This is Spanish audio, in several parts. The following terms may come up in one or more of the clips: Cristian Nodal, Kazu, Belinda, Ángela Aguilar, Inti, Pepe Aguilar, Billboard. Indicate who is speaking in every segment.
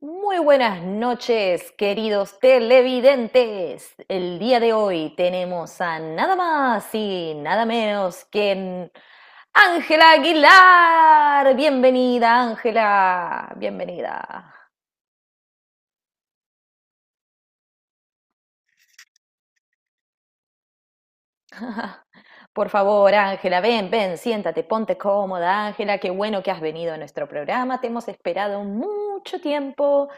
Speaker 1: Muy buenas noches, queridos televidentes. El día de hoy tenemos a nada más y nada menos que Ángela Aguilar. Bienvenida, Ángela. Bienvenida. Por favor, Ángela, ven, ven, siéntate, ponte cómoda, Ángela. Qué bueno que has venido a nuestro programa. Te hemos esperado mucho tiempo.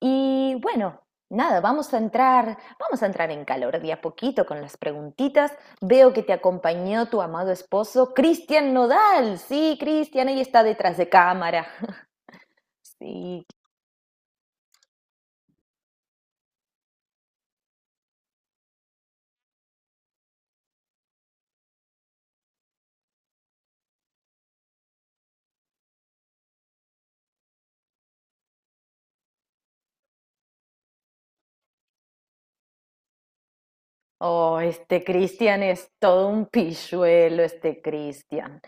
Speaker 1: Y bueno, nada, vamos a entrar en calor de a poquito con las preguntitas. Veo que te acompañó tu amado esposo, Cristian Nodal. Sí, Cristian, ahí está detrás de cámara. Sí. Oh, este Cristian es todo un pilluelo, este Cristian.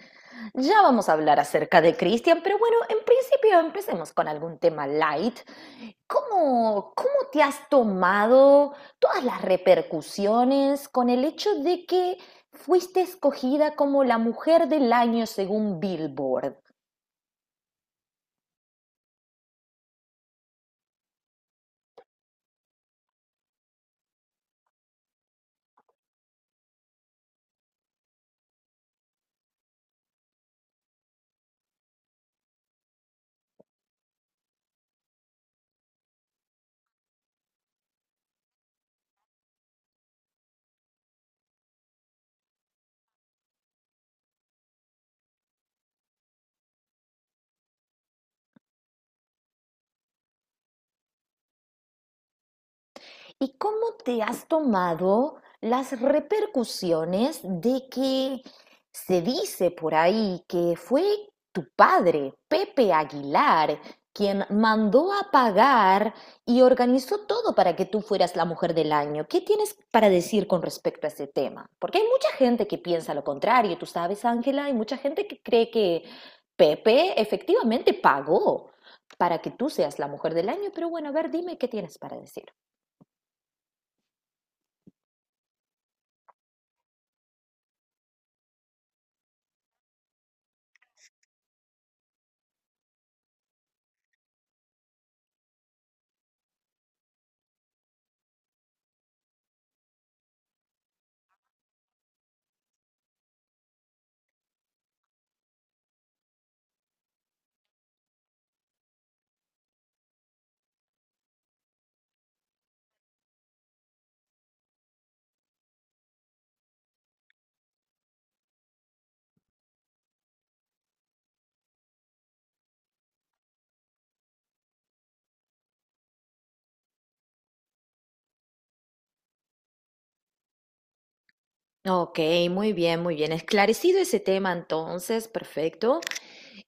Speaker 1: Ya vamos a hablar acerca de Cristian, pero bueno, en principio empecemos con algún tema light. ¿Cómo, cómo te has tomado todas las repercusiones con el hecho de que fuiste escogida como la mujer del año según Billboard? ¿Y cómo te has tomado las repercusiones de que se dice por ahí que fue tu padre, Pepe Aguilar, quien mandó a pagar y organizó todo para que tú fueras la mujer del año? ¿Qué tienes para decir con respecto a ese tema? Porque hay mucha gente que piensa lo contrario, tú sabes, Ángela, hay mucha gente que cree que Pepe efectivamente pagó para que tú seas la mujer del año, pero bueno, a ver, dime qué tienes para decir. Ok, muy bien, muy bien. Esclarecido ese tema entonces, perfecto.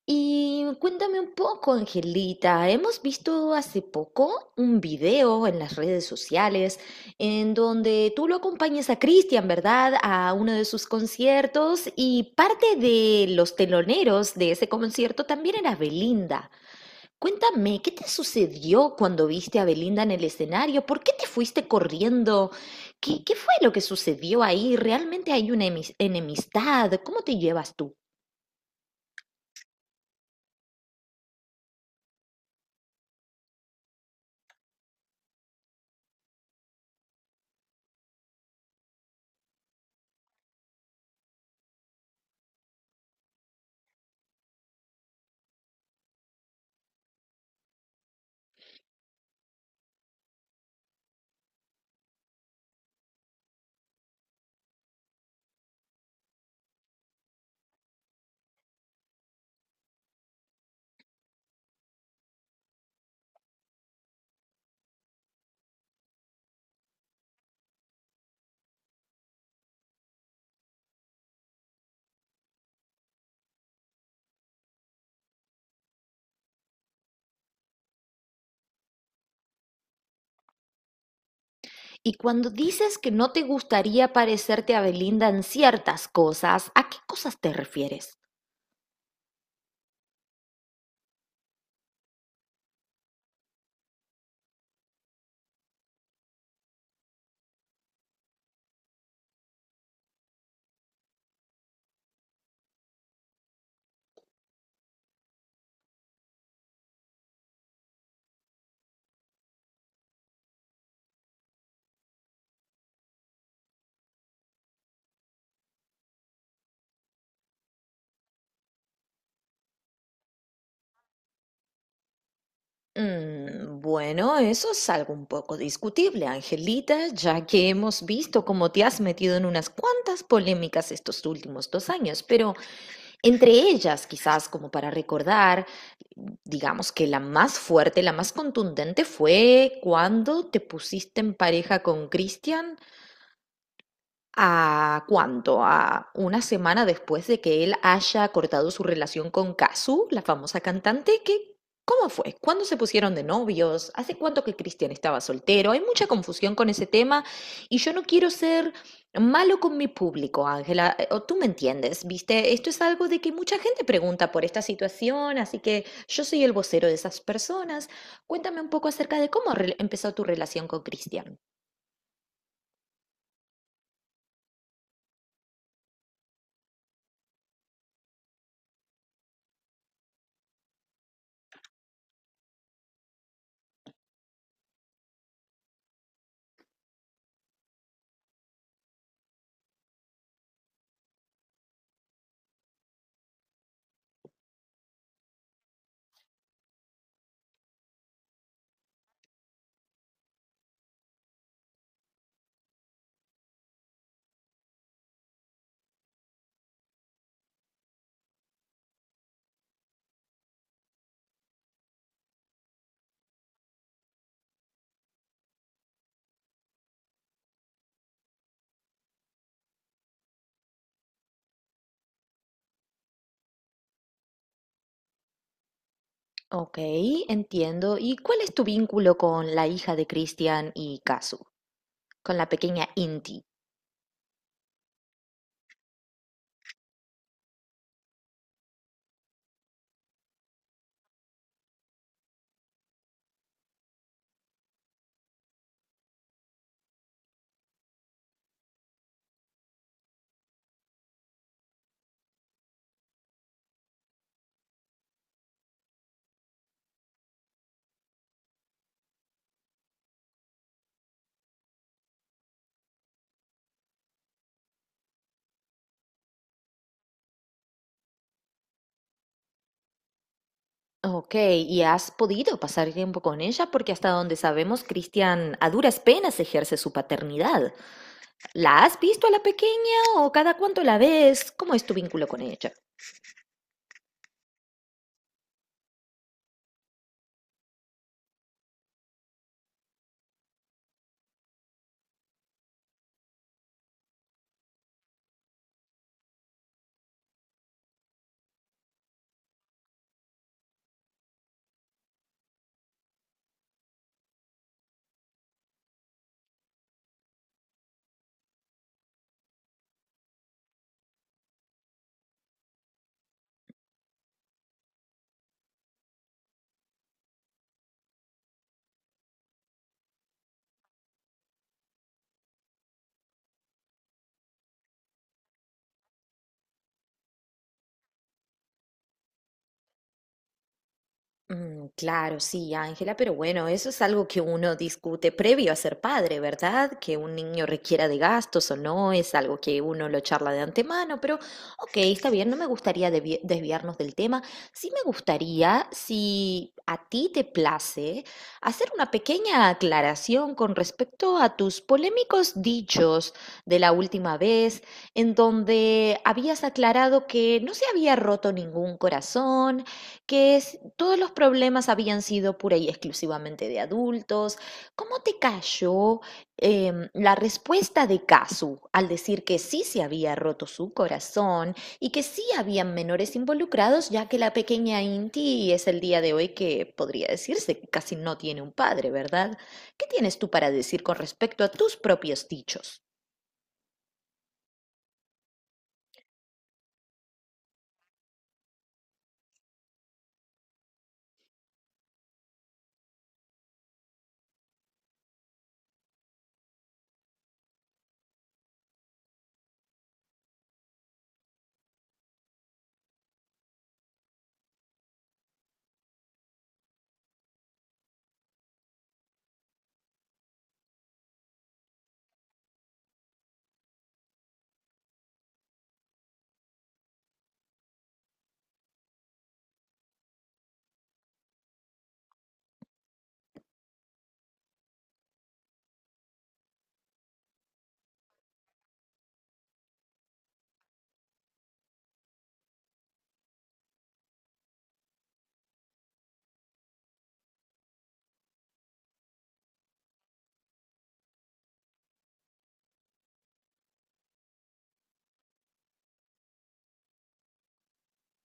Speaker 1: Y cuéntame un poco, Angelita. Hemos visto hace poco un video en las redes sociales en donde tú lo acompañas a Cristian, ¿verdad? A uno de sus conciertos y parte de los teloneros de ese concierto también era Belinda. Cuéntame, ¿qué te sucedió cuando viste a Belinda en el escenario? ¿Por qué te fuiste corriendo? ¿Qué, qué fue lo que sucedió ahí? ¿Realmente hay una enemistad? ¿Cómo te llevas tú? Y cuando dices que no te gustaría parecerte a Belinda en ciertas cosas, ¿a qué cosas te refieres? Bueno, eso es algo un poco discutible, Angelita, ya que hemos visto cómo te has metido en unas cuantas polémicas estos últimos dos años, pero entre ellas, quizás como para recordar, digamos que la más fuerte, la más contundente fue cuando te pusiste en pareja con Cristian. ¿A cuánto? ¿A una semana después de que él haya cortado su relación con Kazu, la famosa cantante? ¿Qué, cómo fue? ¿Cuándo se pusieron de novios? ¿Hace cuánto que Cristian estaba soltero? Hay mucha confusión con ese tema y yo no quiero ser malo con mi público, Ángela. O tú me entiendes, ¿viste? Esto es algo de que mucha gente pregunta por esta situación, así que yo soy el vocero de esas personas. Cuéntame un poco acerca de cómo empezó tu relación con Cristian. Ok, entiendo. ¿Y cuál es tu vínculo con la hija de Christian y Kazu? Con la pequeña Inti. Ok, ¿y has podido pasar tiempo con ella? Porque hasta donde sabemos, Christian a duras penas ejerce su paternidad. ¿La has visto a la pequeña o cada cuánto la ves? ¿Cómo es tu vínculo con ella? Mm, claro, sí, Ángela, pero bueno, eso es algo que uno discute previo a ser padre, ¿verdad? Que un niño requiera de gastos o no, es algo que uno lo charla de antemano, pero ok, está bien, no me gustaría desviarnos del tema. Sí me gustaría, si a ti te place, hacer una pequeña aclaración con respecto a tus polémicos dichos de la última vez, en donde habías aclarado que no se había roto ningún corazón, que todos los problemas habían sido pura y exclusivamente de adultos. ¿Cómo te cayó la respuesta de Kazu al decir que sí se había roto su corazón y que sí habían menores involucrados, ya que la pequeña Inti es el día de hoy que podría decirse que casi no tiene un padre, ¿verdad? ¿Qué tienes tú para decir con respecto a tus propios dichos?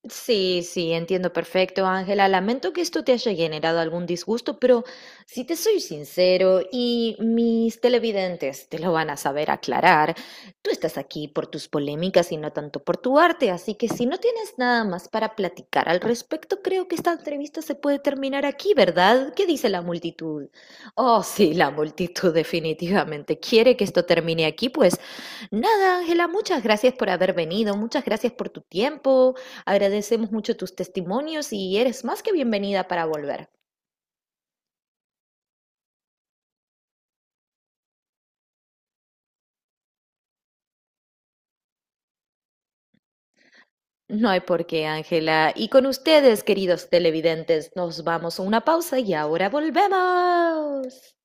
Speaker 1: Sí, sí, entiendo perfecto, Ángela. Lamento que esto te haya generado algún disgusto, pero si te soy sincero, y mis televidentes te lo van a saber aclarar, tú estás aquí por tus polémicas y no tanto por tu arte, así que si no tienes nada más para platicar al respecto, creo que esta entrevista se puede terminar aquí, ¿verdad? ¿Qué dice la multitud? Oh, sí, la multitud definitivamente quiere que esto termine aquí, pues nada, Ángela, muchas gracias por haber venido, muchas gracias por tu tiempo. Agradecemos mucho tus testimonios y eres más que bienvenida para volver. No hay por qué, Ángela. Y con ustedes, queridos televidentes, nos vamos a una pausa y ahora volvemos.